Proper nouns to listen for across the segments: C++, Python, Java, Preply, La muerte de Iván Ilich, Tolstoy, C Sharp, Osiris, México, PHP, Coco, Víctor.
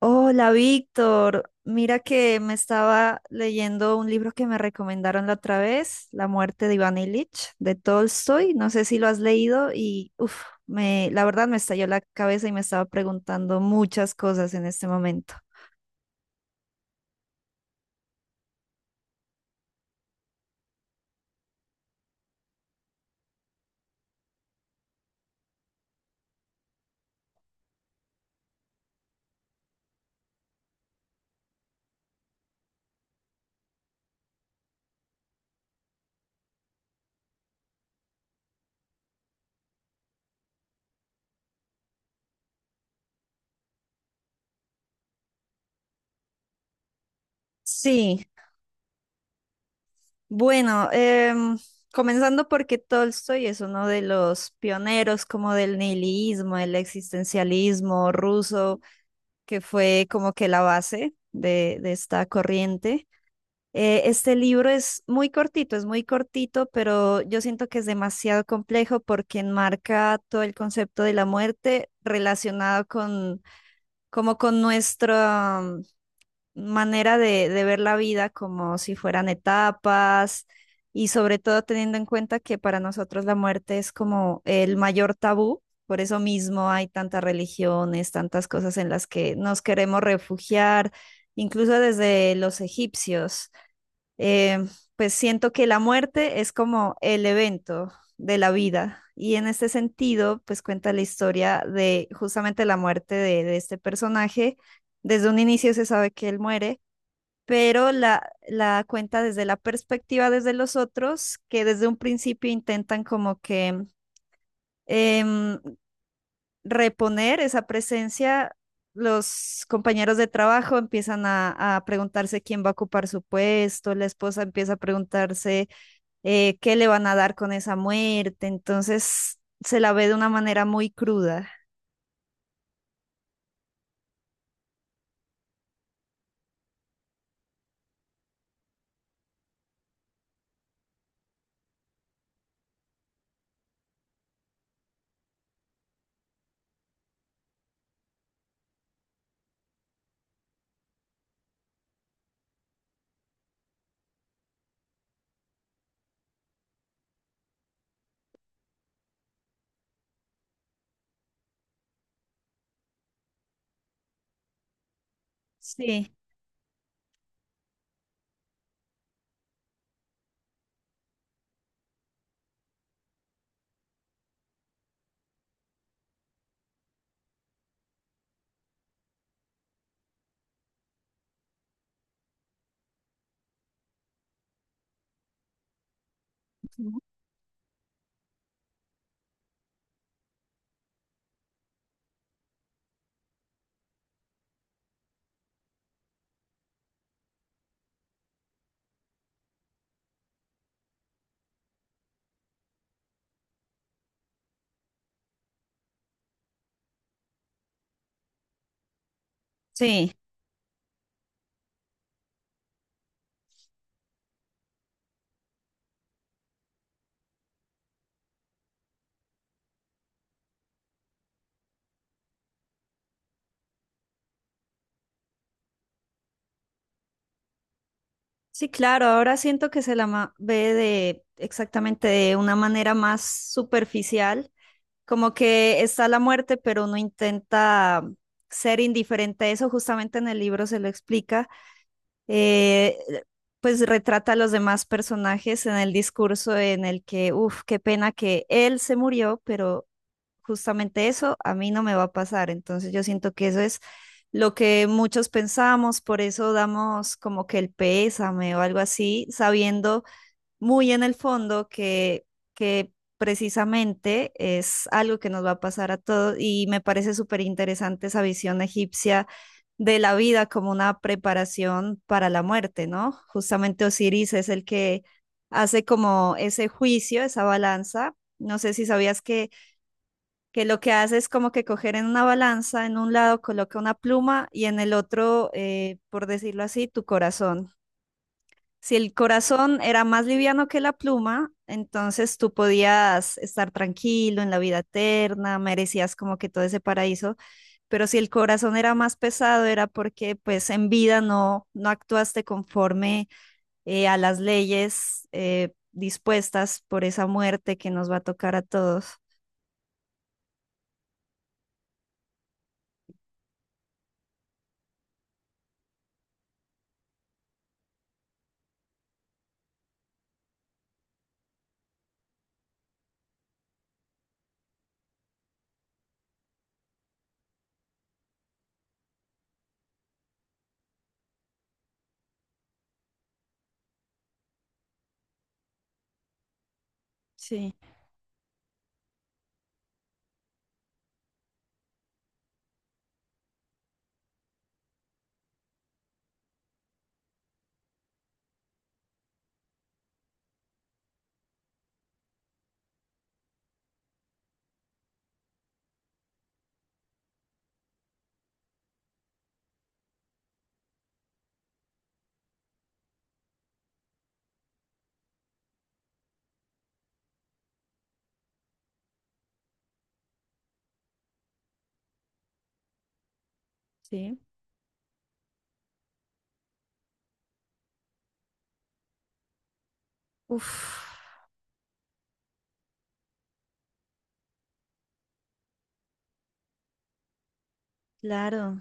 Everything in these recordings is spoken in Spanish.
Hola, Víctor. Mira que me estaba leyendo un libro que me recomendaron la otra vez, La muerte de Iván Ilich, de Tolstoy. No sé si lo has leído y uf, me, la verdad me estalló la cabeza y me estaba preguntando muchas cosas en este momento. Sí, bueno, comenzando porque Tolstoy es uno de los pioneros como del nihilismo, el existencialismo ruso, que fue como que la base de esta corriente. Este libro es muy cortito, pero yo siento que es demasiado complejo porque enmarca todo el concepto de la muerte relacionado con, como con nuestra manera de ver la vida, como si fueran etapas, y sobre todo teniendo en cuenta que para nosotros la muerte es como el mayor tabú. Por eso mismo hay tantas religiones, tantas cosas en las que nos queremos refugiar, incluso desde los egipcios eh, pues siento que la muerte es como el evento de la vida. Y en este sentido, pues cuenta la historia de justamente la muerte de este personaje. Desde un inicio se sabe que él muere, pero la cuenta desde la perspectiva desde los otros, que desde un principio intentan como que em, reponer esa presencia. Los compañeros de trabajo empiezan a preguntarse quién va a ocupar su puesto, la esposa empieza a preguntarse qué le van a dar con esa muerte. Entonces se la ve de una manera muy cruda. Sí, ujú. Sí, sí, claro. Ahora siento que se la ve de exactamente de una manera más superficial, como que está la muerte, pero uno intenta ser indiferente a eso. Justamente en el libro se lo explica. eh, pues retrata a los demás personajes en el discurso en el que, uff, qué pena que él se murió, pero justamente eso a mí no me va a pasar. Entonces yo siento que eso es lo que muchos pensamos, por eso damos como que el pésame o algo así, sabiendo muy en el fondo que precisamente es algo que nos va a pasar a todos y me parece súper interesante esa visión egipcia de la vida como una preparación para la muerte, ¿no? Justamente Osiris es el que hace como ese juicio, esa balanza. No sé si sabías que lo que hace es como que coger en una balanza, en un lado coloca una pluma y en el otro, por decirlo así, tu corazón. Si el corazón era más liviano que la pluma, entonces tú podías estar tranquilo en la vida eterna, merecías como que todo ese paraíso, pero si el corazón era más pesado era porque pues en vida no, no actuaste conforme a las leyes dispuestas por esa muerte que nos va a tocar a todos. Sí, sí. Uf. Claro,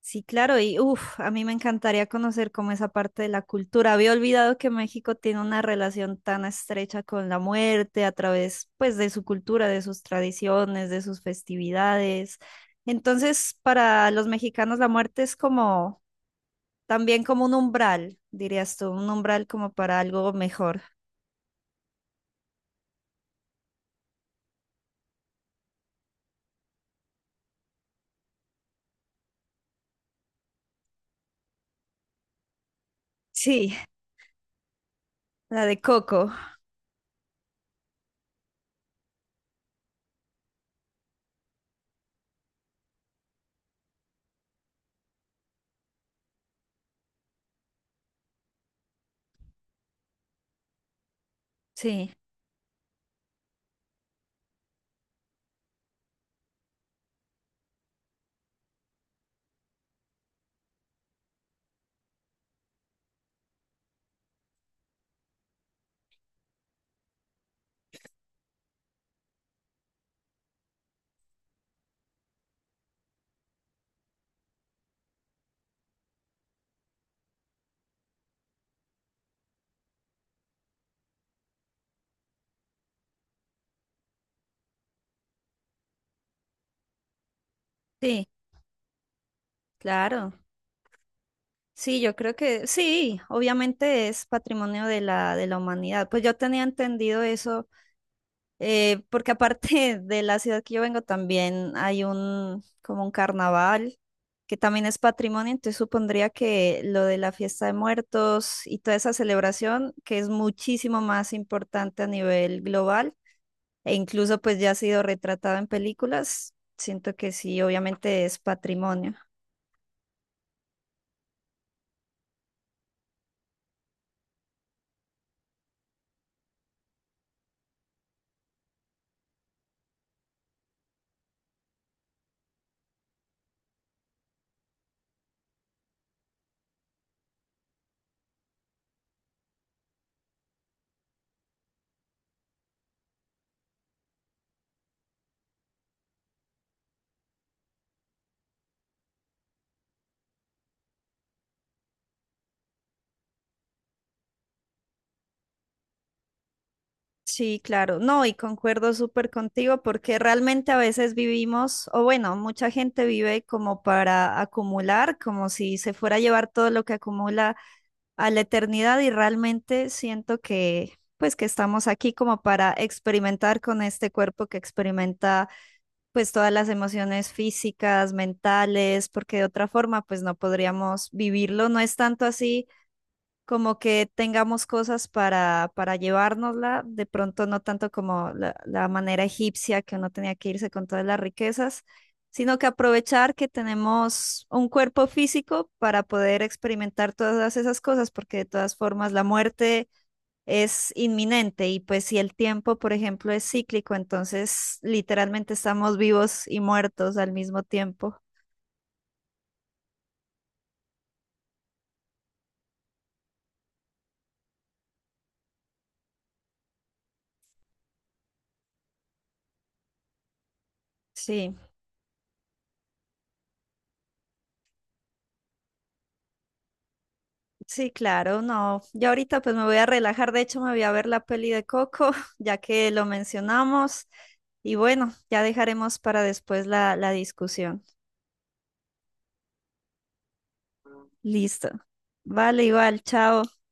sí, claro, y uff, a mí me encantaría conocer como esa parte de la cultura. Había olvidado que México tiene una relación tan estrecha con la muerte a través, pues, de su cultura, de sus tradiciones, de sus festividades. Entonces, para los mexicanos la muerte es como también como un umbral, dirías tú, un umbral como para algo mejor. Sí, la de Coco. Sí, sí, claro. Sí, yo creo que sí, obviamente es patrimonio de la humanidad. Pues yo tenía entendido eso, porque aparte de la ciudad que yo vengo también hay un como un carnaval que también es patrimonio, entonces supondría que lo de la fiesta de muertos y toda esa celebración, que es muchísimo más importante a nivel global e incluso pues ya ha sido retratado en películas, siento que sí, obviamente es patrimonio. Sí, claro, no, y concuerdo súper contigo porque realmente a veces vivimos, o bueno, mucha gente vive como para acumular, como si se fuera a llevar todo lo que acumula a la eternidad y realmente siento que pues que estamos aquí como para experimentar con este cuerpo que experimenta pues todas las emociones físicas, mentales, porque de otra forma pues no podríamos vivirlo, no es tanto así como que tengamos cosas para llevárnosla, de pronto no tanto como la manera egipcia que uno tenía que irse con todas las riquezas, sino que aprovechar que tenemos un cuerpo físico para poder experimentar todas esas cosas, porque de todas formas la muerte es inminente y pues si el tiempo, por ejemplo, es cíclico, entonces literalmente estamos vivos y muertos al mismo tiempo. Sí. Sí, claro, no. Ya ahorita pues me voy a relajar, de hecho me voy a ver la peli de Coco, ya que lo mencionamos. Y bueno, ya dejaremos para después la discusión. Listo. Vale, igual, chao.